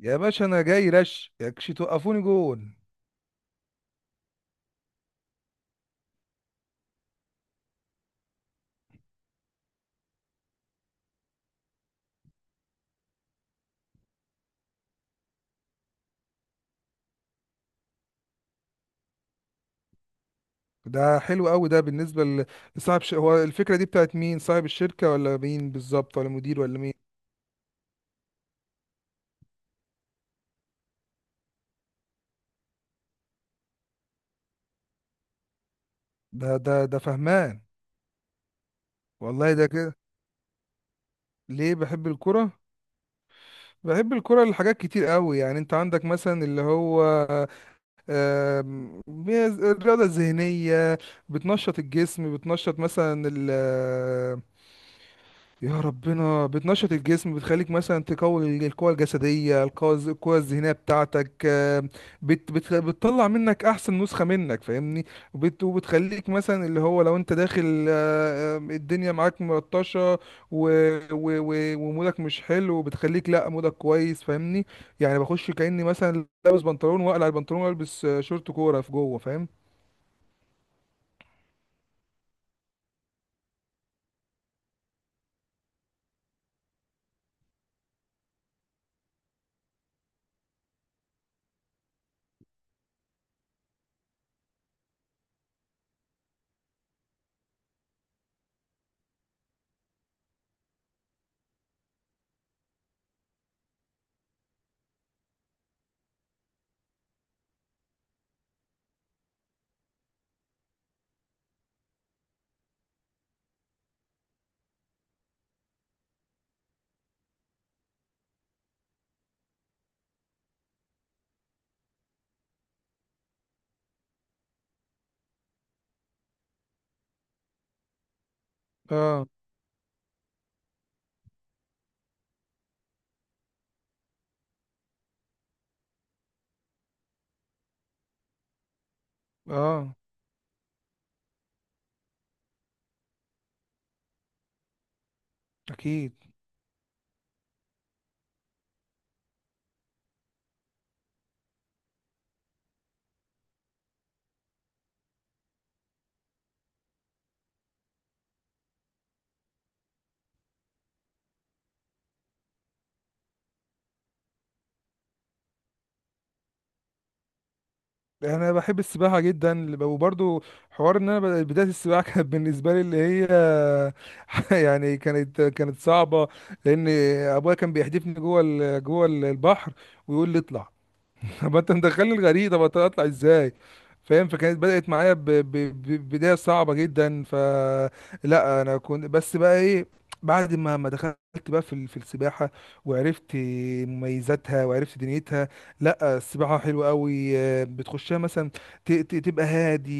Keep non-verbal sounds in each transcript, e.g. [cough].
يا باشا انا جاي رش يكش توقفوني جون. ده حلو قوي. ده بالنسبه هو الفكره دي بتاعت مين؟ صاحب الشركه ولا مين بالظبط ولا مدير ولا مين؟ ده فهمان. والله ده كده. ليه بحب الكرة؟ بحب الكرة لحاجات كتير قوي. يعني انت عندك مثلا اللي هو الرياضة الذهنية، بتنشط الجسم، بتنشط مثلا، يا ربنا، بتنشط الجسم، بتخليك مثلا تقوي القوة الجسدية، القوة القوة الذهنية بتاعتك، بت بت بتطلع منك أحسن نسخة منك، فاهمني؟ وبتخليك مثلا اللي هو لو أنت داخل، الدنيا معاك ملطشة و- و- و- ومودك مش حلو، بتخليك لأ، مودك كويس، فاهمني؟ يعني بخش كأني مثلا لابس بنطلون، وأقلع البنطلون، وألبس شورت كورة في جوه، فاهم؟ اه. اه، أكيد. يعني انا بحب السباحه جدا، وبرضو حوار ان انا بدايه السباحه [laughs] كانت بالنسبه لي اللي هي [laughs] يعني كانت صعبه، لان ابويا كان بيحدفني جوه جوه البحر، ويقول لي اطلع. [laughs] طب انت مدخلني الغريق، طب اطلع ازاي؟ فاهم؟ فكانت بدأت معايا بداية صعبة جدا. ف، لا انا كنت بس بقى ايه، بعد ما دخلت بقى في في السباحة، وعرفت مميزاتها، وعرفت دنيتها. لا السباحة حلوة قوي. بتخشها مثلا، تبقى هادي،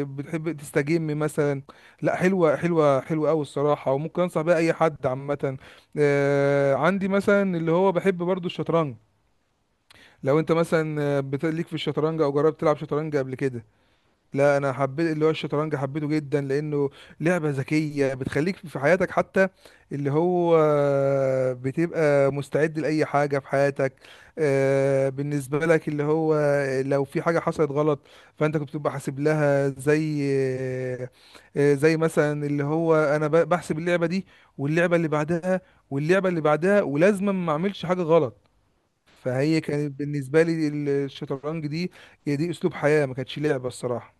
بتحب تستجم مثلا. لا حلوة حلوة قوي الصراحة، وممكن انصح بيها اي حد عامة. عندي مثلا اللي هو بحب برضو الشطرنج. لو انت مثلا ليك في الشطرنج، او جربت تلعب شطرنج قبل كده. لا انا حبيت اللي هو الشطرنج، حبيته جدا، لانه لعبة ذكية، بتخليك في حياتك حتى اللي هو بتبقى مستعد لأي حاجة في حياتك. بالنسبة لك اللي هو لو في حاجة حصلت غلط، فانت كنت بتبقى حاسب لها، زي زي مثلا اللي هو انا بحسب اللعبة دي، واللعبة اللي بعدها، واللعبة اللي بعدها، ولازم ما اعملش حاجة غلط. فهي كانت بالنسبة لي الشطرنج دي، هي دي أسلوب حياة، ما كانتش لعبة الصراحة.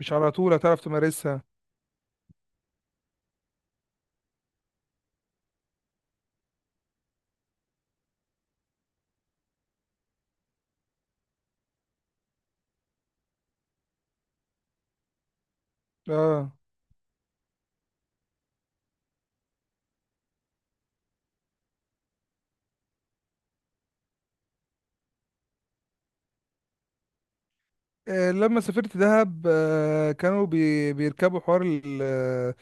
مش على طول هتعرف تمارسها. اه. لما سافرت دهب، كانوا بيركبوا حوار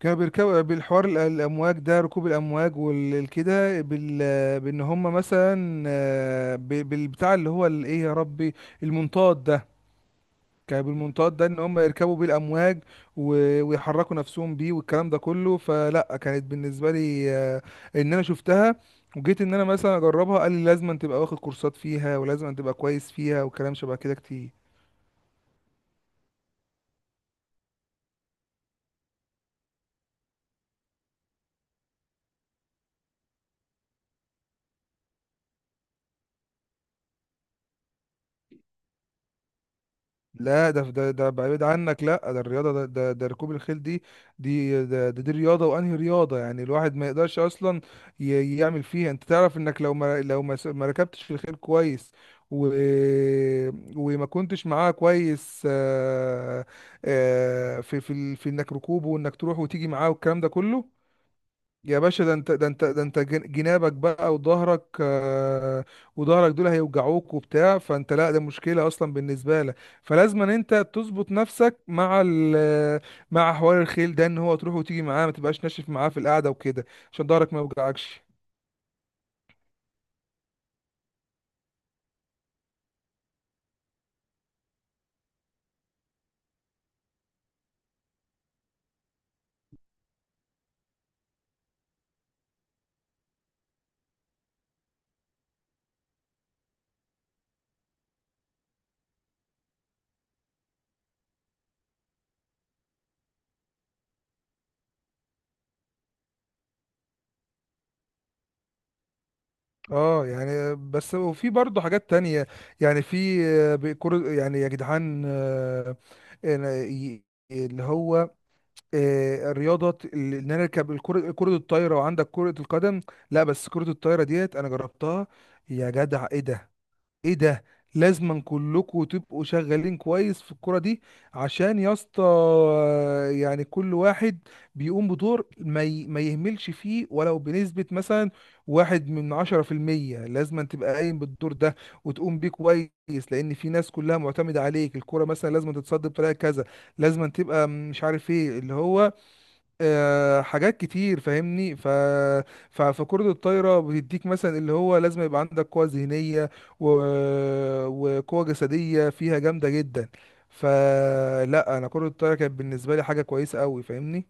كانوا بيركبوا بالحوار الأمواج ده، ركوب الأمواج والكده، بال، بإن هم مثلا بالبتاع اللي هو الإيه، يا ربي، المنطاد ده، كان بالمنطاد ده ان هم يركبوا بيه الامواج، و- ويحركوا نفسهم بيه والكلام ده كله. فلا كانت بالنسبه لي، ان انا شفتها، وجيت ان انا مثلا اجربها، قال لي لازم أن تبقى واخد كورسات فيها، ولازم أن تبقى كويس فيها، وكلام شبه كده كتير. لا ده ده بعيد عنك. لا ده الرياضه ده ركوب الخيل دي. دي ده, ده دي رياضه، وانهي رياضه يعني الواحد ما يقدرش اصلا يعمل فيها. انت تعرف انك لو ما ركبتش في الخيل كويس، و... وما كنتش معاه كويس، في في في انك ركوبه، وانك تروح وتيجي معاه، والكلام ده كله، يا باشا ده انت، ده انت جنابك بقى، وظهرك، وظهرك دول هيوجعوك وبتاع، فانت لا ده مشكلة اصلا بالنسبة لك. فلازم ان انت تظبط نفسك مع ال، مع حوار الخيل ده، ان هو تروح وتيجي معاه، ما تبقاش ناشف معاه في القعدة وكده، عشان ظهرك ما يوجعكش. اه. يعني بس، وفي برضه حاجات تانية. يعني في بيكور، يعني يا جدعان، إن- ي- اللي هو الرياضه ان انا اركب الكره، كره الطايره، وعندك كره القدم. لا بس كره الطايره ديت انا جربتها. يا جدع ايه ده! ايه ده! لازما كلكم تبقوا شغالين كويس في الكره دي، عشان يا اسطى، يعني كل واحد بيقوم بدور، ما يهملش فيه، ولو بنسبه مثلا واحد من 10%، لازما تبقى قايم بالدور ده، وتقوم بيه كويس. لان في ناس كلها معتمده عليك، الكره مثلا لازم تتصد بطريقه كذا، لازم تبقى مش عارف ايه اللي هو، حاجات كتير، فاهمني؟ فكرة الطايرة بتديك مثلا اللي هو لازم يبقى عندك قوة ذهنية، و... وقوة جسدية فيها جامدة جدا. فلا انا كرة الطايرة كانت بالنسبة لي حاجة كويسة قوي، فاهمني؟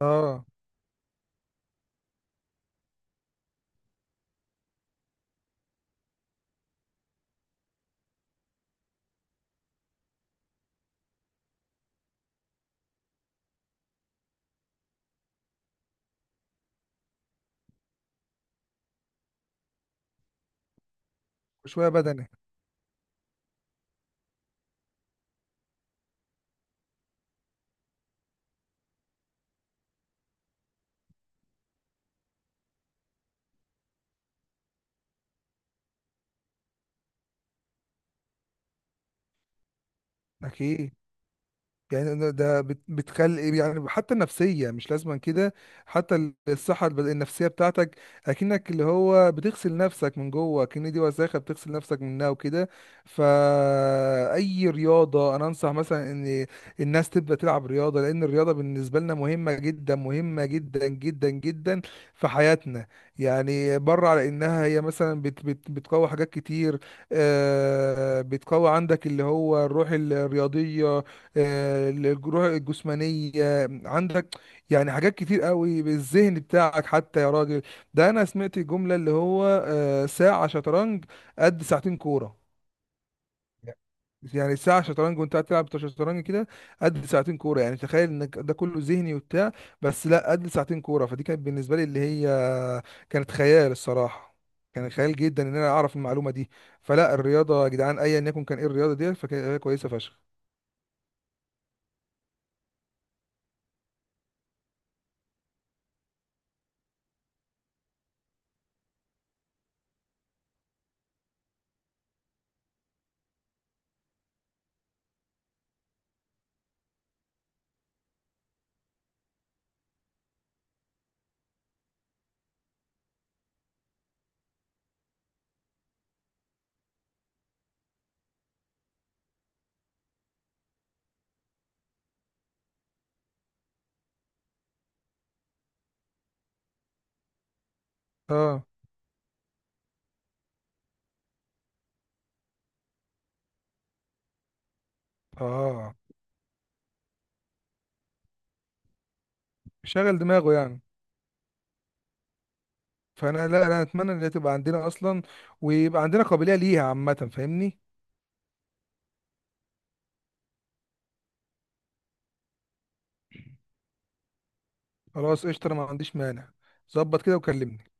اه. شوية بدني. اكيد. يعني ده ده بتخلي يعني حتى النفسية مش لازما كده، حتى الصحة النفسية بتاعتك، أكنك اللي هو بتغسل نفسك من جوه، أكن دي وساخة بتغسل نفسك منها وكده. فأي رياضة أنا أنصح مثلا إن الناس تبدأ تلعب رياضة، لأن الرياضة بالنسبة لنا مهمة جدا، مهمة جدا جدا جدا في حياتنا. يعني بره على إنها هي مثلا بت بت بتقوي حاجات كتير، بتقوي عندك اللي هو الروح الرياضية، الجروح الجسمانية عندك. يعني حاجات كتير قوي بالذهن بتاعك حتى يا راجل. ده انا سمعت جملة اللي هو ساعة شطرنج قد ساعتين كورة. يعني ساعة شطرنج وانت قاعد تلعب شطرنج كده قد ساعتين كورة. يعني تخيل انك ده كله ذهني وبتاع، بس لا قد ساعتين كورة. فدي كانت بالنسبة لي اللي هي كانت خيال الصراحة. كان خيال جدا ان انا اعرف المعلومة دي. فلا الرياضة يا جدعان ايا يكن كان ايه الرياضة دي، فكانت كويسة فشخ. اه. اه، شغل دماغه يعني. فانا لا انا اتمنى ان هي تبقى عندنا اصلا، ويبقى عندنا قابليه ليها عامه، فاهمني؟ خلاص قشطه، انا ما عنديش مانع. ظبط كده وكلمني.